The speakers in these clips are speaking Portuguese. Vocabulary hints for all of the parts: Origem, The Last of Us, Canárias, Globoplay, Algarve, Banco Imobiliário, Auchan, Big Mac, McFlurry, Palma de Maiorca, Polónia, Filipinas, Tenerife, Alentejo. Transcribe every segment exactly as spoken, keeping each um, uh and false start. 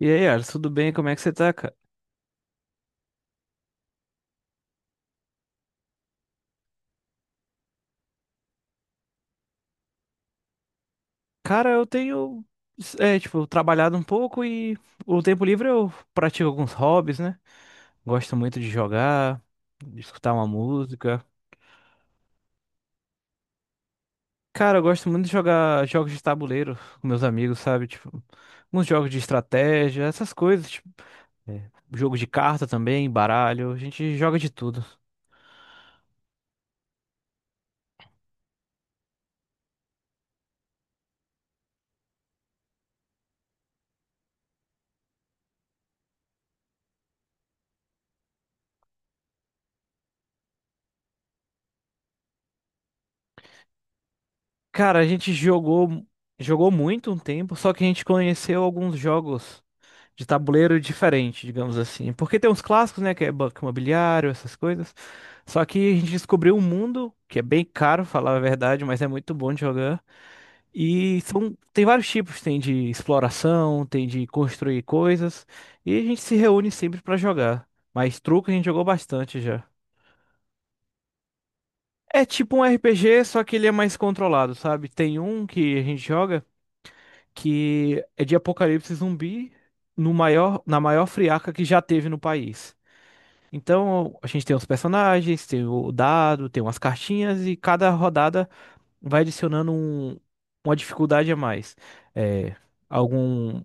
E aí, Ars, tudo bem? Como é que você tá, cara? Cara, eu tenho, é, tipo, trabalhado um pouco e o tempo livre eu pratico alguns hobbies, né? Gosto muito de jogar, de escutar uma música. Cara, eu gosto muito de jogar jogos de tabuleiro com meus amigos, sabe? Tipo, uns jogos de estratégia, essas coisas, tipo, é, jogo de carta também, baralho, a gente joga de tudo. Cara, a gente jogou, jogou muito um tempo, só que a gente conheceu alguns jogos de tabuleiro diferente, digamos assim. Porque tem uns clássicos, né, que é Banco Imobiliário, essas coisas. Só que a gente descobriu um mundo que é bem caro, falar a verdade, mas é muito bom de jogar. E são, tem vários tipos, tem de exploração, tem de construir coisas, e a gente se reúne sempre pra jogar. Mas truco a gente jogou bastante já. É tipo um R P G, só que ele é mais controlado, sabe? Tem um que a gente joga que é de apocalipse zumbi no maior, na maior friaca que já teve no país. Então, a gente tem os personagens, tem o dado, tem umas cartinhas e cada rodada vai adicionando um- uma dificuldade a mais. É, algum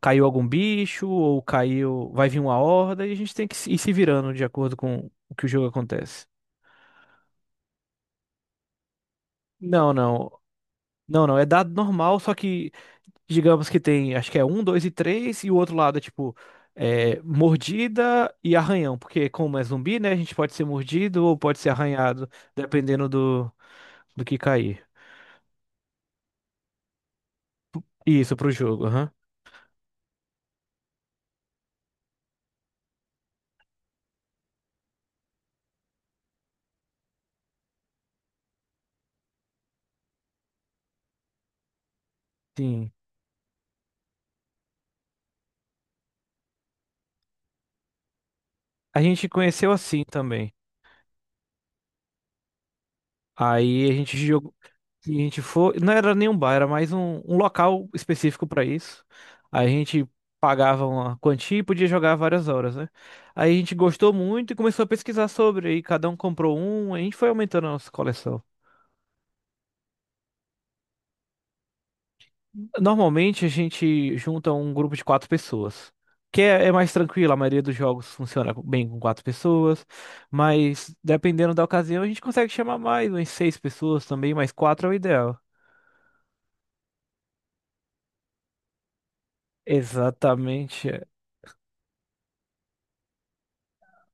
caiu algum bicho ou caiu, vai vir uma horda e a gente tem que se- ir se virando de acordo com o que o jogo acontece. Não, não. Não, não, é dado normal, só que digamos que tem, acho que é um, dois e três, e o outro lado é tipo é, mordida e arranhão, porque como é zumbi, né, a gente pode ser mordido ou pode ser arranhado. Dependendo do, do que cair. Isso, pro jogo, aham. Sim. A gente conheceu assim também. Aí a gente jogou. A gente foi. Não era nem um bar, era mais um, um local específico pra isso. Aí a gente pagava uma quantia e podia jogar várias horas, né? Aí a gente gostou muito e começou a pesquisar sobre. Aí cada um comprou um, a gente foi aumentando a nossa coleção. Normalmente a gente junta um grupo de quatro pessoas. Que é, é mais tranquilo, a maioria dos jogos funciona bem com quatro pessoas, mas dependendo da ocasião a gente consegue chamar mais, umas seis pessoas também, mas quatro é o ideal. Exatamente.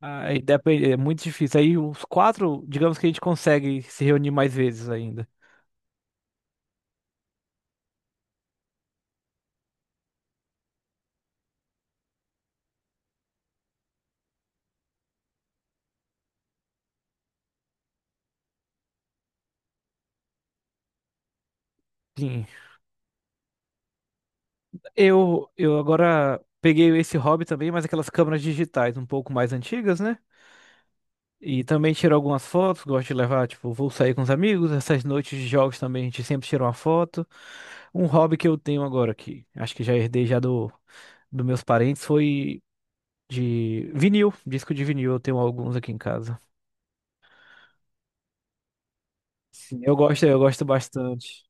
Aí depende, é muito difícil. Aí os quatro, digamos que a gente consegue se reunir mais vezes ainda. Sim. Eu, eu agora peguei esse hobby também, mas aquelas câmeras digitais um pouco mais antigas, né? E também tiro algumas fotos, gosto de levar, tipo, vou sair com os amigos, essas noites de jogos também a gente sempre tira uma foto. Um hobby que eu tenho agora, que acho que já herdei já do, dos meus parentes, foi de vinil, disco de vinil, eu tenho alguns aqui em casa. Sim, eu gosto, eu gosto bastante.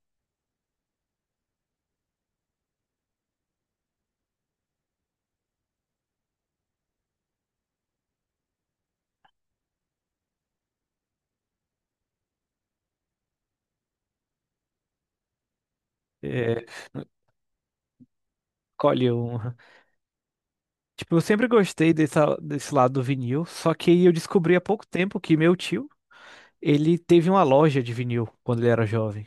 É, colhe um. Tipo, eu sempre gostei dessa, desse lado do vinil, só que eu descobri há pouco tempo que meu tio, ele teve uma loja de vinil quando ele era jovem.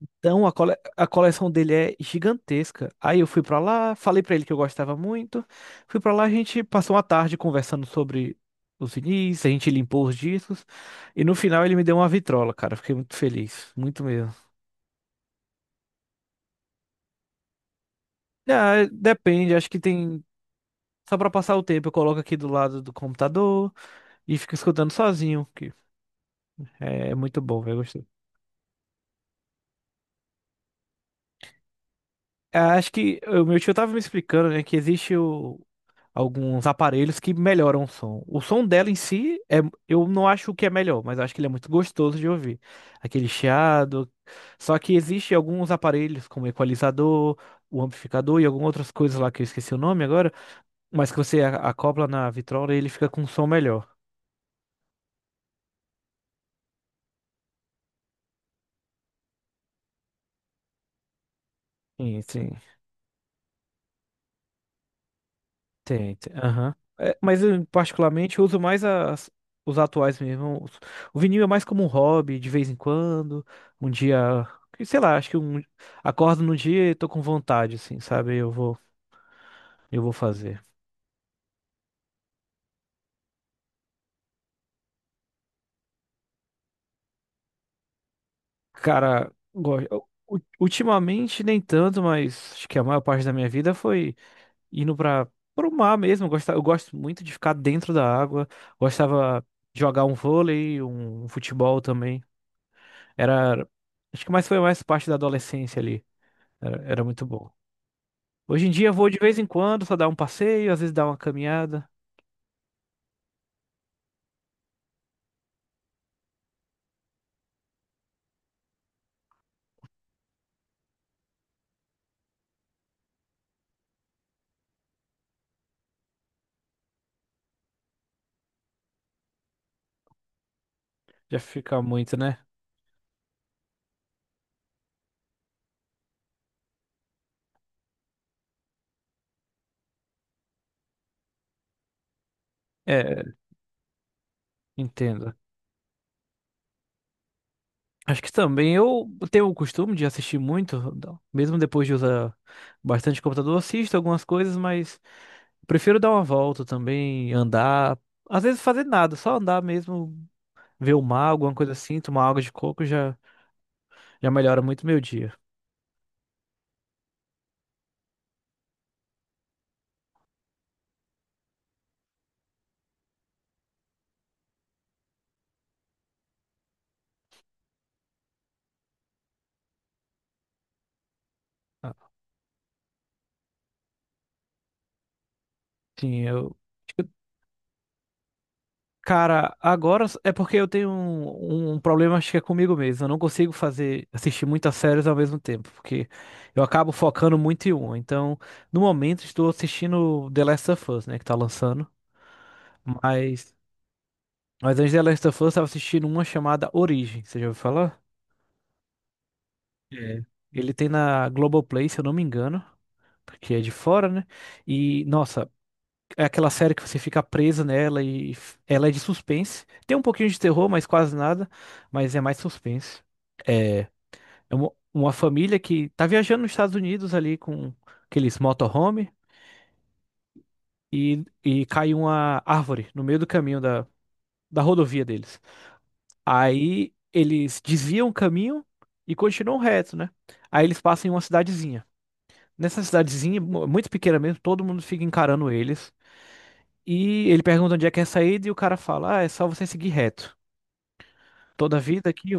Então, a, cole- a coleção dele é gigantesca. Aí eu fui pra lá, falei pra ele que eu gostava muito. Fui pra lá, a gente passou uma tarde conversando sobre os vinis, a gente limpou os discos. E no final ele me deu uma vitrola, cara. Fiquei muito feliz, muito mesmo. Ah, depende, acho que tem. Só pra passar o tempo, eu coloco aqui do lado do computador e fico escutando sozinho, que é muito bom, velho. Ah, acho que eh, o meu tio tava me explicando, né, que existe o- alguns aparelhos que melhoram o som. O som dela em si, é, eu não acho que é melhor, mas acho que ele é muito gostoso de ouvir. Aquele chiado. Só que existe alguns aparelhos, como equalizador, o amplificador e algumas outras coisas lá que eu esqueci o nome agora, mas que você a- acopla na vitrola e ele fica com um som melhor. Sim, sim. Tem, tem, aham. É, mas eu, particularmente, uso mais as, os atuais mesmo. Os- O vinil é mais como um hobby, de vez em quando. Um dia, que, sei lá, acho que um, acordo num dia e tô com vontade, assim, sabe? Eu vou, eu vou fazer. Cara, go- eu- u- ultimamente nem tanto, mas acho que a maior parte da minha vida foi indo para o mar mesmo. Eu gosto, eu gosto muito de ficar dentro da água. Gostava de jogar um vôlei, um um futebol também. Era. Acho que mais foi mais parte da adolescência ali. Era, era muito bom. Hoje em dia eu vou de vez em quando, só dar um passeio, às vezes dar uma caminhada. Já fica muito, né? É, entendo. Acho que também eu tenho o costume de assistir muito, mesmo depois de usar bastante computador, eu assisto algumas coisas, mas prefiro dar uma volta também, andar, às vezes fazer nada, só andar mesmo, ver o mar, alguma coisa assim, tomar água de coco já já melhora muito meu dia. Ah, sim, eu cara, agora é porque eu tenho um, um problema, acho que é comigo mesmo. Eu não consigo fazer, assistir muitas séries ao mesmo tempo, porque eu acabo focando muito em uma. Então, no momento, estou assistindo The Last of Us, né, que tá lançando. Mas, mas antes de The Last of Us, eu estava assistindo uma chamada Origem. Você já ouviu falar? É. Ele tem na Globoplay, se eu não me engano, porque é de fora, né? E, nossa, é aquela série que você fica preso nela e f- ela é de suspense. Tem um pouquinho de terror, mas quase nada. Mas é mais suspense. É, é uma, uma família que tá viajando nos Estados Unidos ali com aqueles motorhome e, e cai uma árvore no meio do caminho da, da rodovia deles. Aí eles desviam o caminho e continuam reto, né? Aí eles passam em uma cidadezinha. Nessa cidadezinha, mu- muito pequena mesmo, todo mundo fica encarando eles. E ele pergunta onde é que é a saída e o cara fala: "Ah, é só você seguir reto. Toda a vida aqui,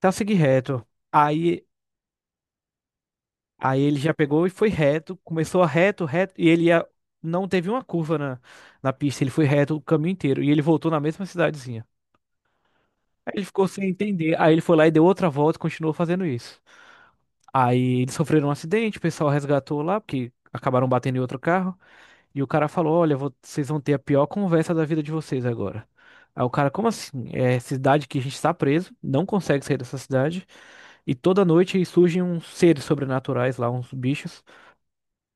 tá seguir reto." Aí, aí ele já pegou e foi reto, começou a reto, reto, e ele ia, não teve uma curva na, na pista, ele foi reto o caminho inteiro. E ele voltou na mesma cidadezinha. Aí ele ficou sem entender. Aí ele foi lá e deu outra volta e continuou fazendo isso. Aí eles sofreram um acidente, o pessoal resgatou lá, porque acabaram batendo em outro carro. E o cara falou: "Olha, vo- vocês vão ter a pior conversa da vida de vocês agora." Aí o cara, como assim? É cidade que a gente está preso, não consegue sair dessa cidade. E toda noite surgem uns seres sobrenaturais lá, uns bichos.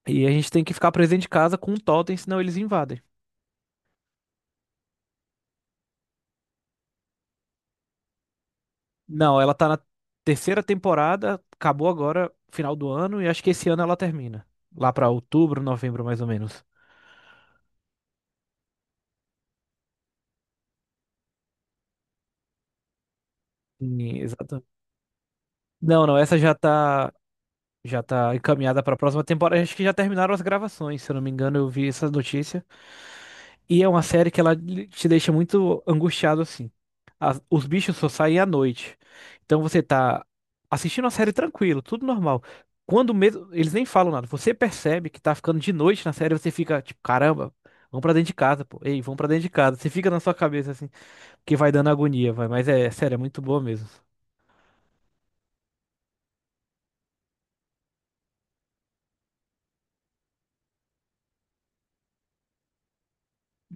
E a gente tem que ficar presente em casa com um totem, senão eles invadem. Não, ela tá na terceira temporada, acabou agora, final do ano, e acho que esse ano ela termina. Lá pra outubro, novembro, mais ou menos. Sim, exato. Não, não, essa já tá. Já tá encaminhada pra próxima temporada. Acho que já terminaram as gravações, se eu não me engano, eu vi essa notícia. E é uma série que ela te deixa muito angustiado assim. As- os bichos só saem à noite. Então você tá assistindo a série tranquilo, tudo normal. Quando mesmo, eles nem falam nada. Você percebe que tá ficando de noite na série, você fica tipo, caramba, vamos pra dentro de casa, pô. Ei, vamos pra dentro de casa. Você fica na sua cabeça assim, porque vai dando agonia, vai. Mas é sério, é muito boa mesmo.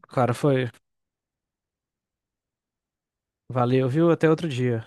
Cara, foi. Valeu, viu? Até outro dia.